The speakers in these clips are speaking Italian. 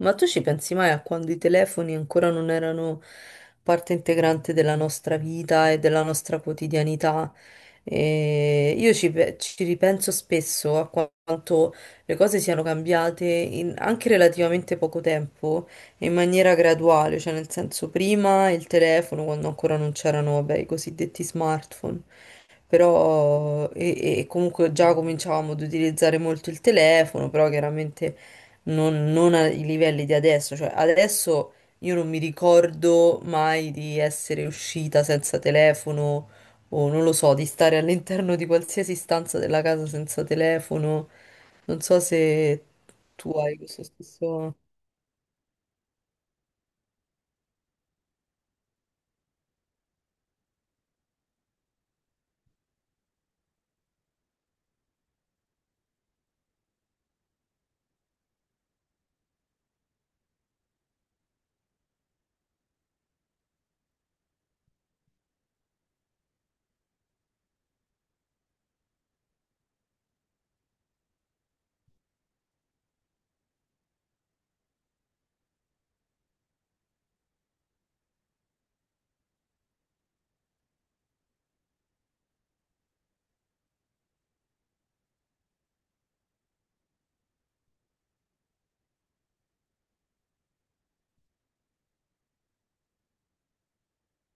Ma tu ci pensi mai a quando i telefoni ancora non erano parte integrante della nostra vita e della nostra quotidianità? E io ci ripenso spesso a quanto le cose siano cambiate in anche relativamente poco tempo e in maniera graduale, cioè nel senso prima il telefono, quando ancora non c'erano, vabbè, i cosiddetti smartphone però e comunque già cominciavamo ad utilizzare molto il telefono, però chiaramente non ai livelli di adesso, cioè adesso io non mi ricordo mai di essere uscita senza telefono o non lo so, di stare all'interno di qualsiasi stanza della casa senza telefono. Non so se tu hai questo stesso...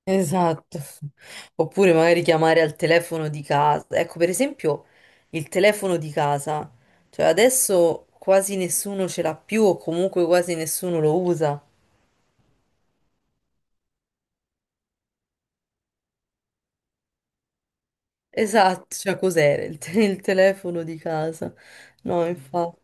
Esatto. Oppure magari chiamare al telefono di casa. Ecco, per esempio, il telefono di casa. Cioè adesso quasi nessuno ce l'ha più o comunque quasi nessuno lo usa. Esatto, cioè cos'era il telefono di casa? No, infatti.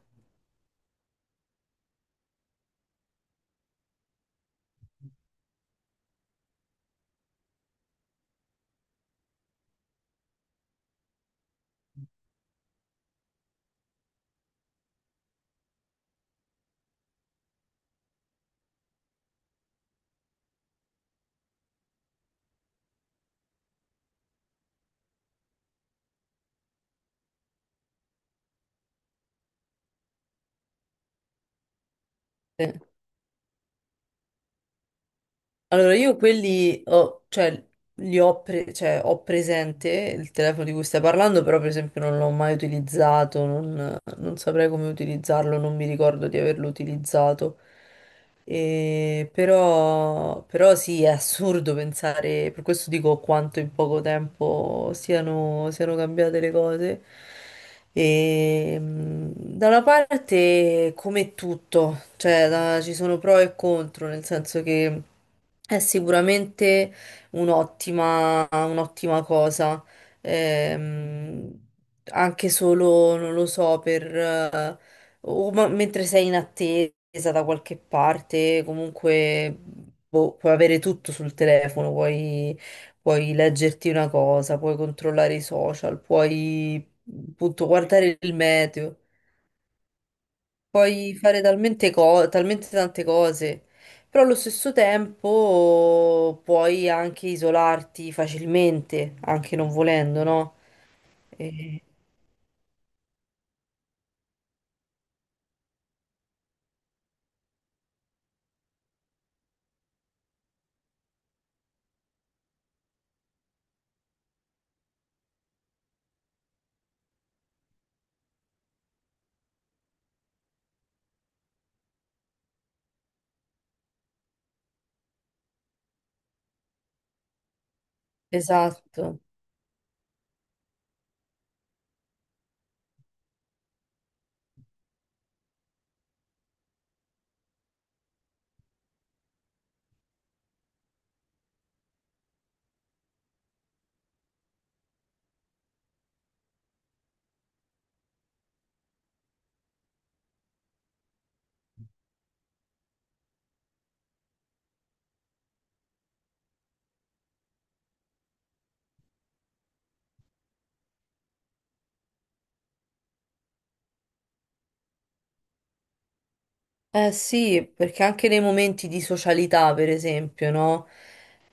Allora io quelli ho, cioè, li ho, cioè, ho presente il telefono di cui stai parlando, però per esempio non l'ho mai utilizzato, non... non saprei come utilizzarlo, non mi ricordo di averlo utilizzato. E però sì, è assurdo pensare, per questo dico quanto in poco tempo siano cambiate le cose. E, da una parte, come tutto, ci sono pro e contro, nel senso che è sicuramente un'ottima cosa ehm, anche solo, non lo so, o mentre sei in attesa da qualche parte, comunque boh, puoi avere tutto sul telefono, puoi, puoi leggerti una cosa, puoi controllare i social, puoi appunto guardare il meteo, puoi fare talmente tante cose. Però allo stesso tempo puoi anche isolarti facilmente, anche non volendo, no? Esatto. Eh sì, perché anche nei momenti di socialità, per esempio, no?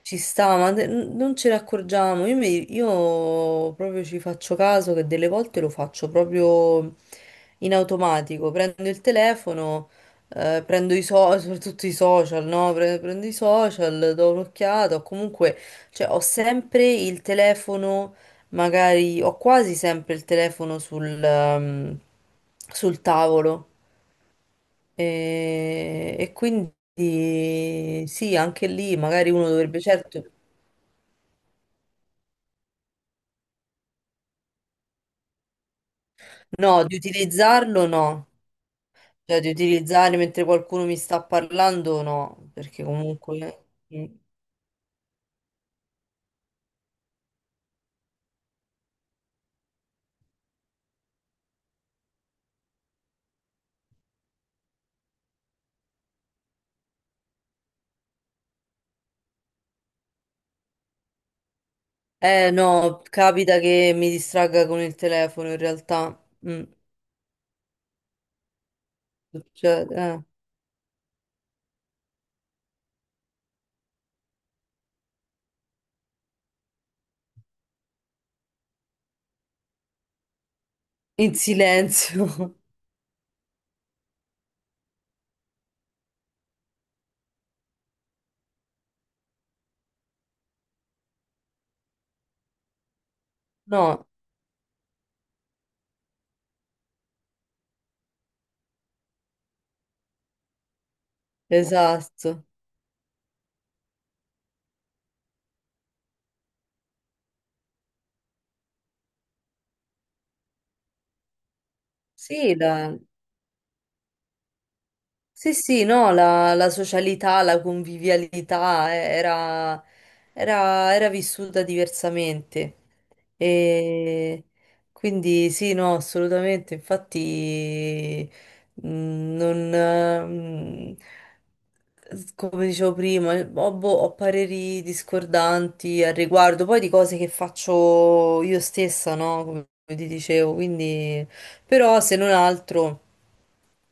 Ci sta, ma non ce ne accorgiamo. Io proprio ci faccio caso che delle volte lo faccio proprio in automatico. Prendo il telefono, prendo i social, soprattutto i social, no? Prendo i social, do un'occhiata, o comunque, cioè, ho sempre il telefono magari ho quasi sempre il telefono sul tavolo. E quindi sì, anche lì magari uno dovrebbe, certo, no, di utilizzarlo no, cioè di utilizzare mentre qualcuno mi sta parlando no, perché comunque... mm. Eh no, capita che mi distragga con il telefono in realtà. Mm, succede, eh. In silenzio, no, esatto. Sì, la- Sì, sì, no, la socialità, la convivialità era vissuta diversamente. E quindi sì, no, assolutamente. Infatti, non, come dicevo prima, boh, ho pareri discordanti al riguardo, poi di cose che faccio io stessa, no? Come ti dicevo, quindi, però se non altro.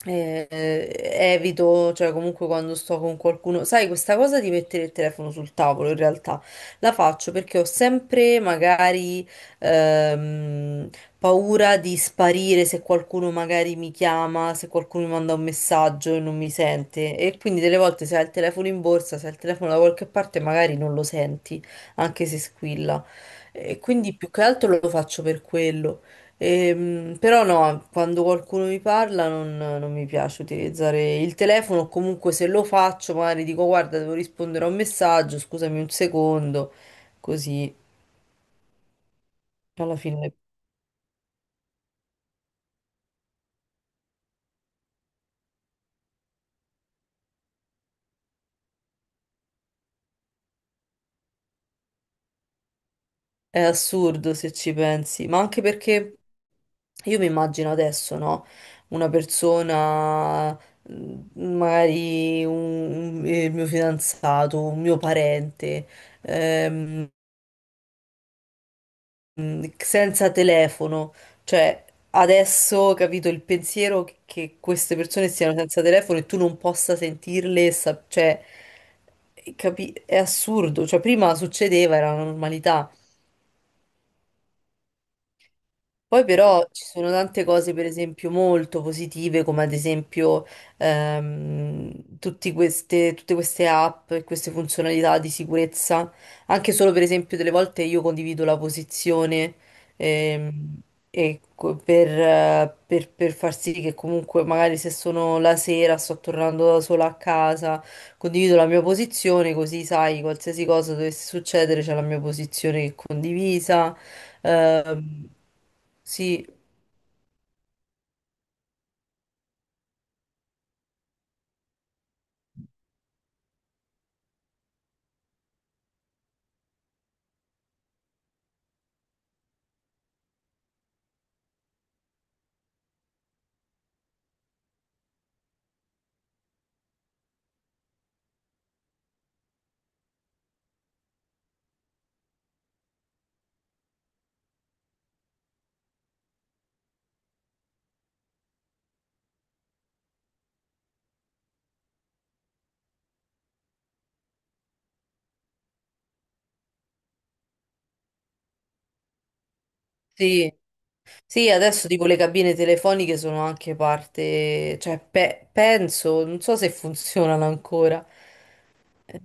Evito, cioè comunque quando sto con qualcuno, sai, questa cosa di mettere il telefono sul tavolo in realtà la faccio perché ho sempre magari ehm, paura di sparire se qualcuno magari mi chiama, se qualcuno mi manda un messaggio e non mi sente e quindi delle volte se hai il telefono in borsa, se hai il telefono da qualche parte magari non lo senti, anche se squilla. E quindi più che altro lo faccio per quello. Però no, quando qualcuno mi parla non mi piace utilizzare il telefono, o comunque se lo faccio magari dico guarda devo rispondere a un messaggio, scusami un secondo, così alla fine è assurdo se ci pensi, ma anche perché io mi immagino adesso, no? Una persona, mm, magari il mio fidanzato, un mio parente ehm, senza telefono. Cioè, adesso capito il pensiero che queste persone siano senza telefono e tu non possa sentirle, cioè, è assurdo. Cioè, prima succedeva, era una normalità. Poi però ci sono tante cose, per esempio, molto positive, come ad esempio tutte queste app e queste funzionalità di sicurezza. Anche solo, per esempio, delle volte io condivido la posizione ehm, per far sì che comunque magari se sono la sera, sto tornando da sola a casa, condivido la mia posizione, così sai, qualsiasi cosa dovesse succedere, c'è la mia posizione che è condivisa. Ehm, sì, sì, sì, adesso tipo le cabine telefoniche sono anche parte, penso, non so se funzionano ancora. Eh,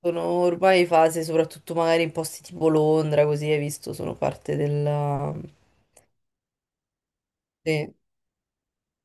Sono ormai fase, soprattutto magari in posti tipo Londra, così hai visto, sono parte della... sì.